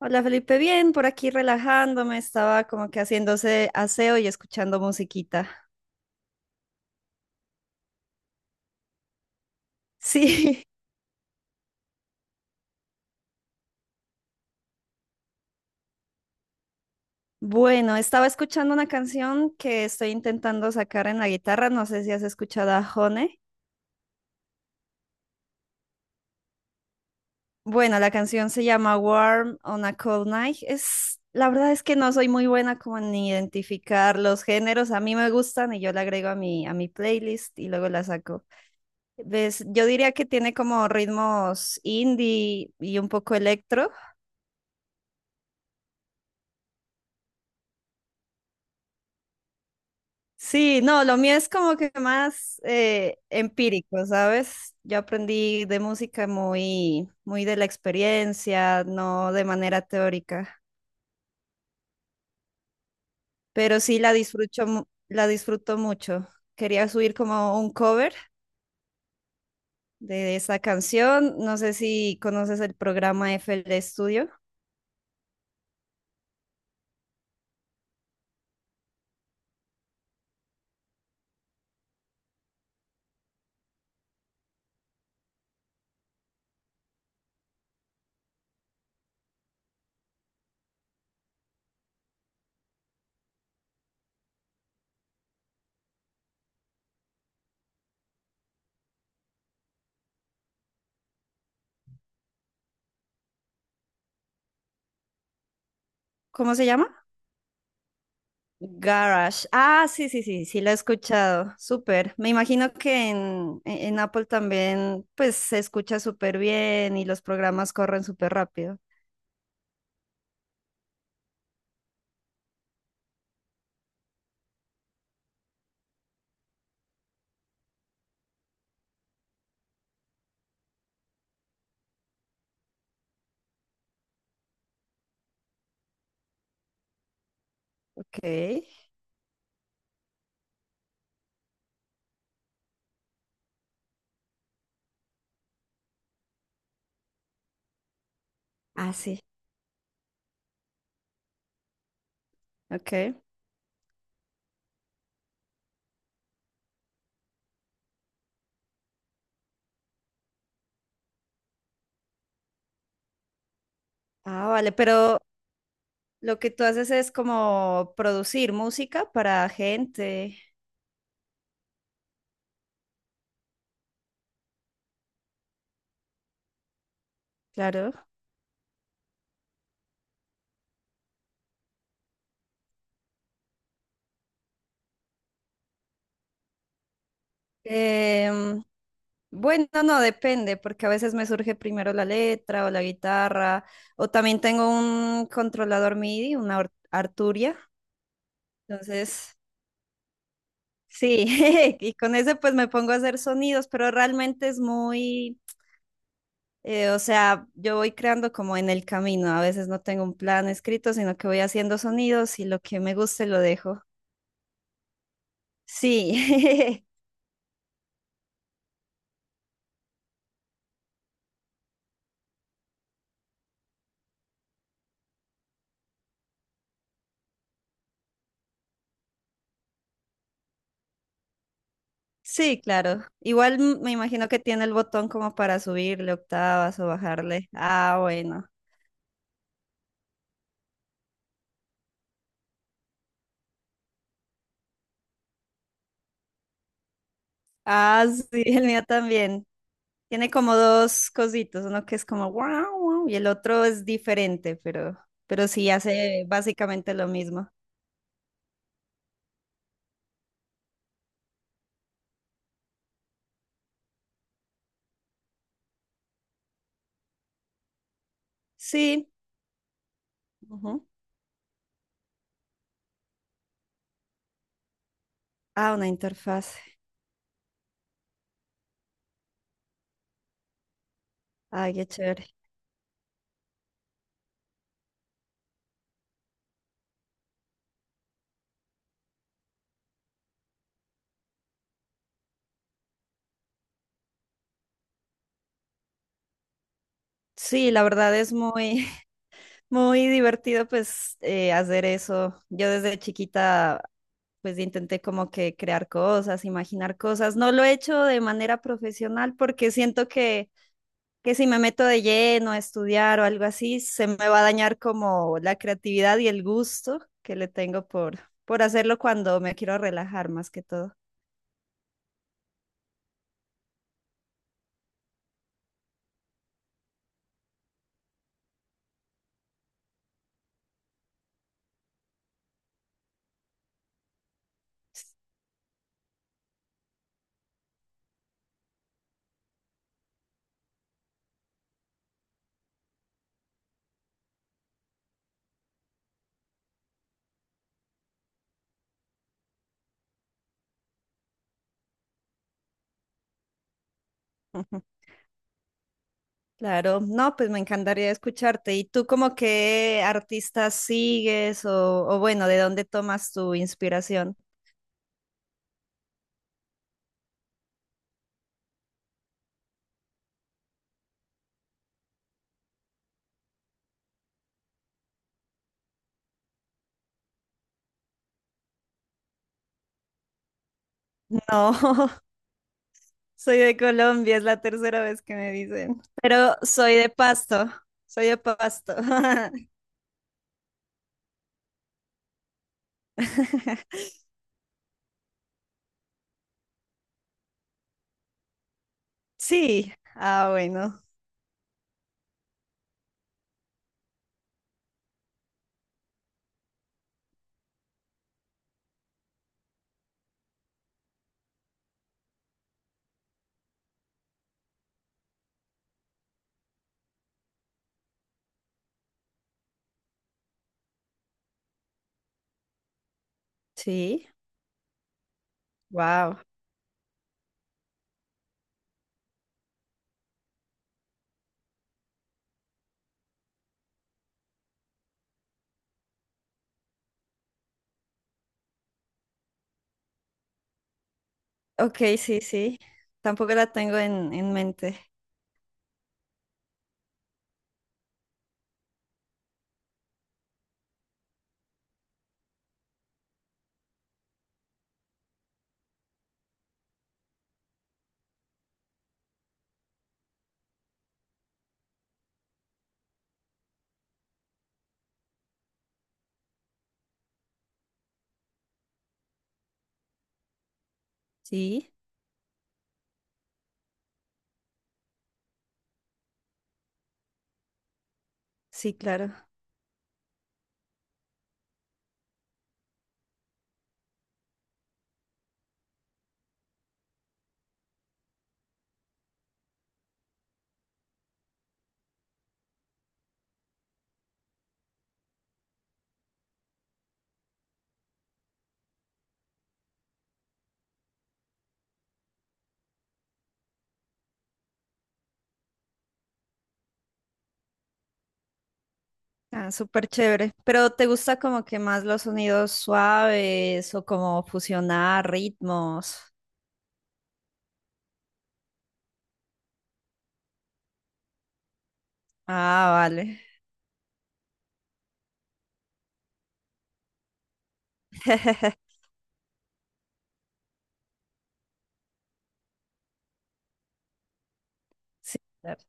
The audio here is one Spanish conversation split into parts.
Hola Felipe, bien, por aquí relajándome, estaba como que haciéndose aseo y escuchando musiquita. Sí, bueno, estaba escuchando una canción que estoy intentando sacar en la guitarra, no sé si has escuchado a Hone. Bueno, la canción se llama Warm on a Cold Night. Es, la verdad es que no soy muy buena como en identificar los géneros, a mí me gustan y yo la agrego a a mi playlist y luego la saco. ¿Ves? Yo diría que tiene como ritmos indie y un poco electro. Sí, no, lo mío es como que más empírico, ¿sabes? Yo aprendí de música muy de la experiencia, no de manera teórica, pero sí la disfruto, la disfruto mucho. Quería subir como un cover de esa canción, no sé si conoces el programa FL Studio, ¿cómo se llama? Garage. Ah, sí, sí, sí, sí, la he escuchado. Súper. Me imagino que en Apple también, pues, se escucha súper bien y los programas corren súper rápido. Ok. Ah, sí. Ok. Ah, vale, pero lo que tú haces es como producir música para gente, claro. Em, bueno, no, depende, porque a veces me surge primero la letra o la guitarra, o también tengo un controlador MIDI, una Arturia. Entonces, sí, y con ese pues me pongo a hacer sonidos, pero realmente es muy, o sea, yo voy creando como en el camino, a veces no tengo un plan escrito, sino que voy haciendo sonidos y lo que me guste lo dejo. Sí, sí, claro. Igual mm, me imagino que tiene el botón como para subirle octavas o bajarle. Ah, bueno. Ah, sí, el mío también. Tiene como dos cositos, uno que es como wow, wow, y el otro es diferente, pero sí hace básicamente lo mismo. Sí. Ujú. Ah, una interfaz. Ay, qué chévere. Sí, la verdad es muy, muy divertido pues hacer eso. Yo desde chiquita pues intenté como que crear cosas, imaginar cosas. No lo he hecho de manera profesional porque siento que si me meto de lleno a estudiar o algo así, se me va a dañar como la creatividad y el gusto que le tengo por hacerlo cuando me quiero relajar más que todo. Claro, no, pues me encantaría escucharte. ¿Y tú como qué artistas sigues o bueno, de dónde tomas tu inspiración? No, soy de Colombia, es la tercera vez que me dicen, pero soy de Pasto, soy de Pasto. Sí, ah, bueno, sí, wow. Ok, sí, sí, tampoco la tengo en mente. Sí. Sí, claro. Ah, súper chévere. Pero ¿te gusta como que más los sonidos suaves o como fusionar ritmos? Ah, vale. Sí, claro.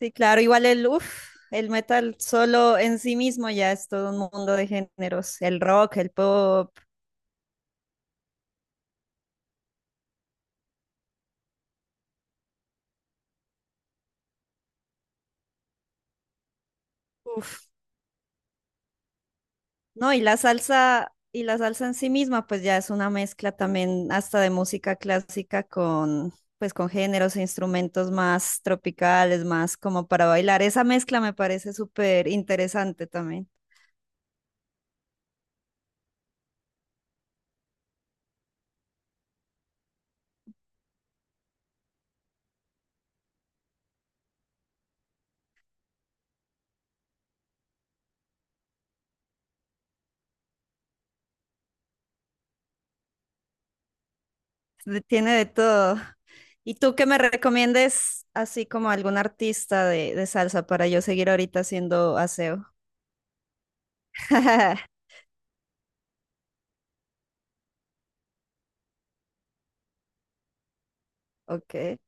Sí, claro. Igual el, uf, el metal solo en sí mismo ya es todo un mundo de géneros. El rock, el pop. Uf. No, y la salsa en sí misma, pues ya es una mezcla también hasta de música clásica con, pues con géneros e instrumentos más tropicales, más como para bailar. Esa mezcla me parece súper interesante también. De- Tiene de todo. ¿Y tú qué me recomiendes así como algún artista de salsa para yo seguir ahorita haciendo aseo? Ok.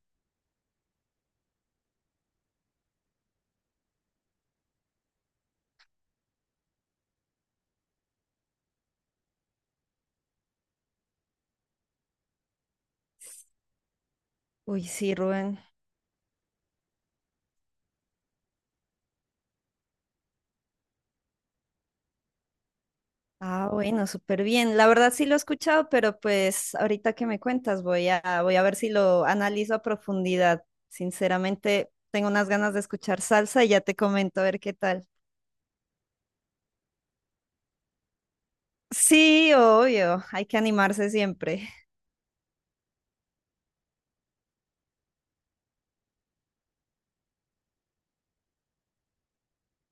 Uy, sí, Rubén. Ah, bueno, súper bien. La verdad sí lo he escuchado, pero pues ahorita que me cuentas voy a, voy a ver si lo analizo a profundidad. Sinceramente, tengo unas ganas de escuchar salsa y ya te comento a ver qué tal. Sí, obvio, hay que animarse siempre.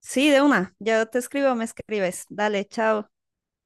Sí, de una, ya te escribo, me escribes. Dale, chao.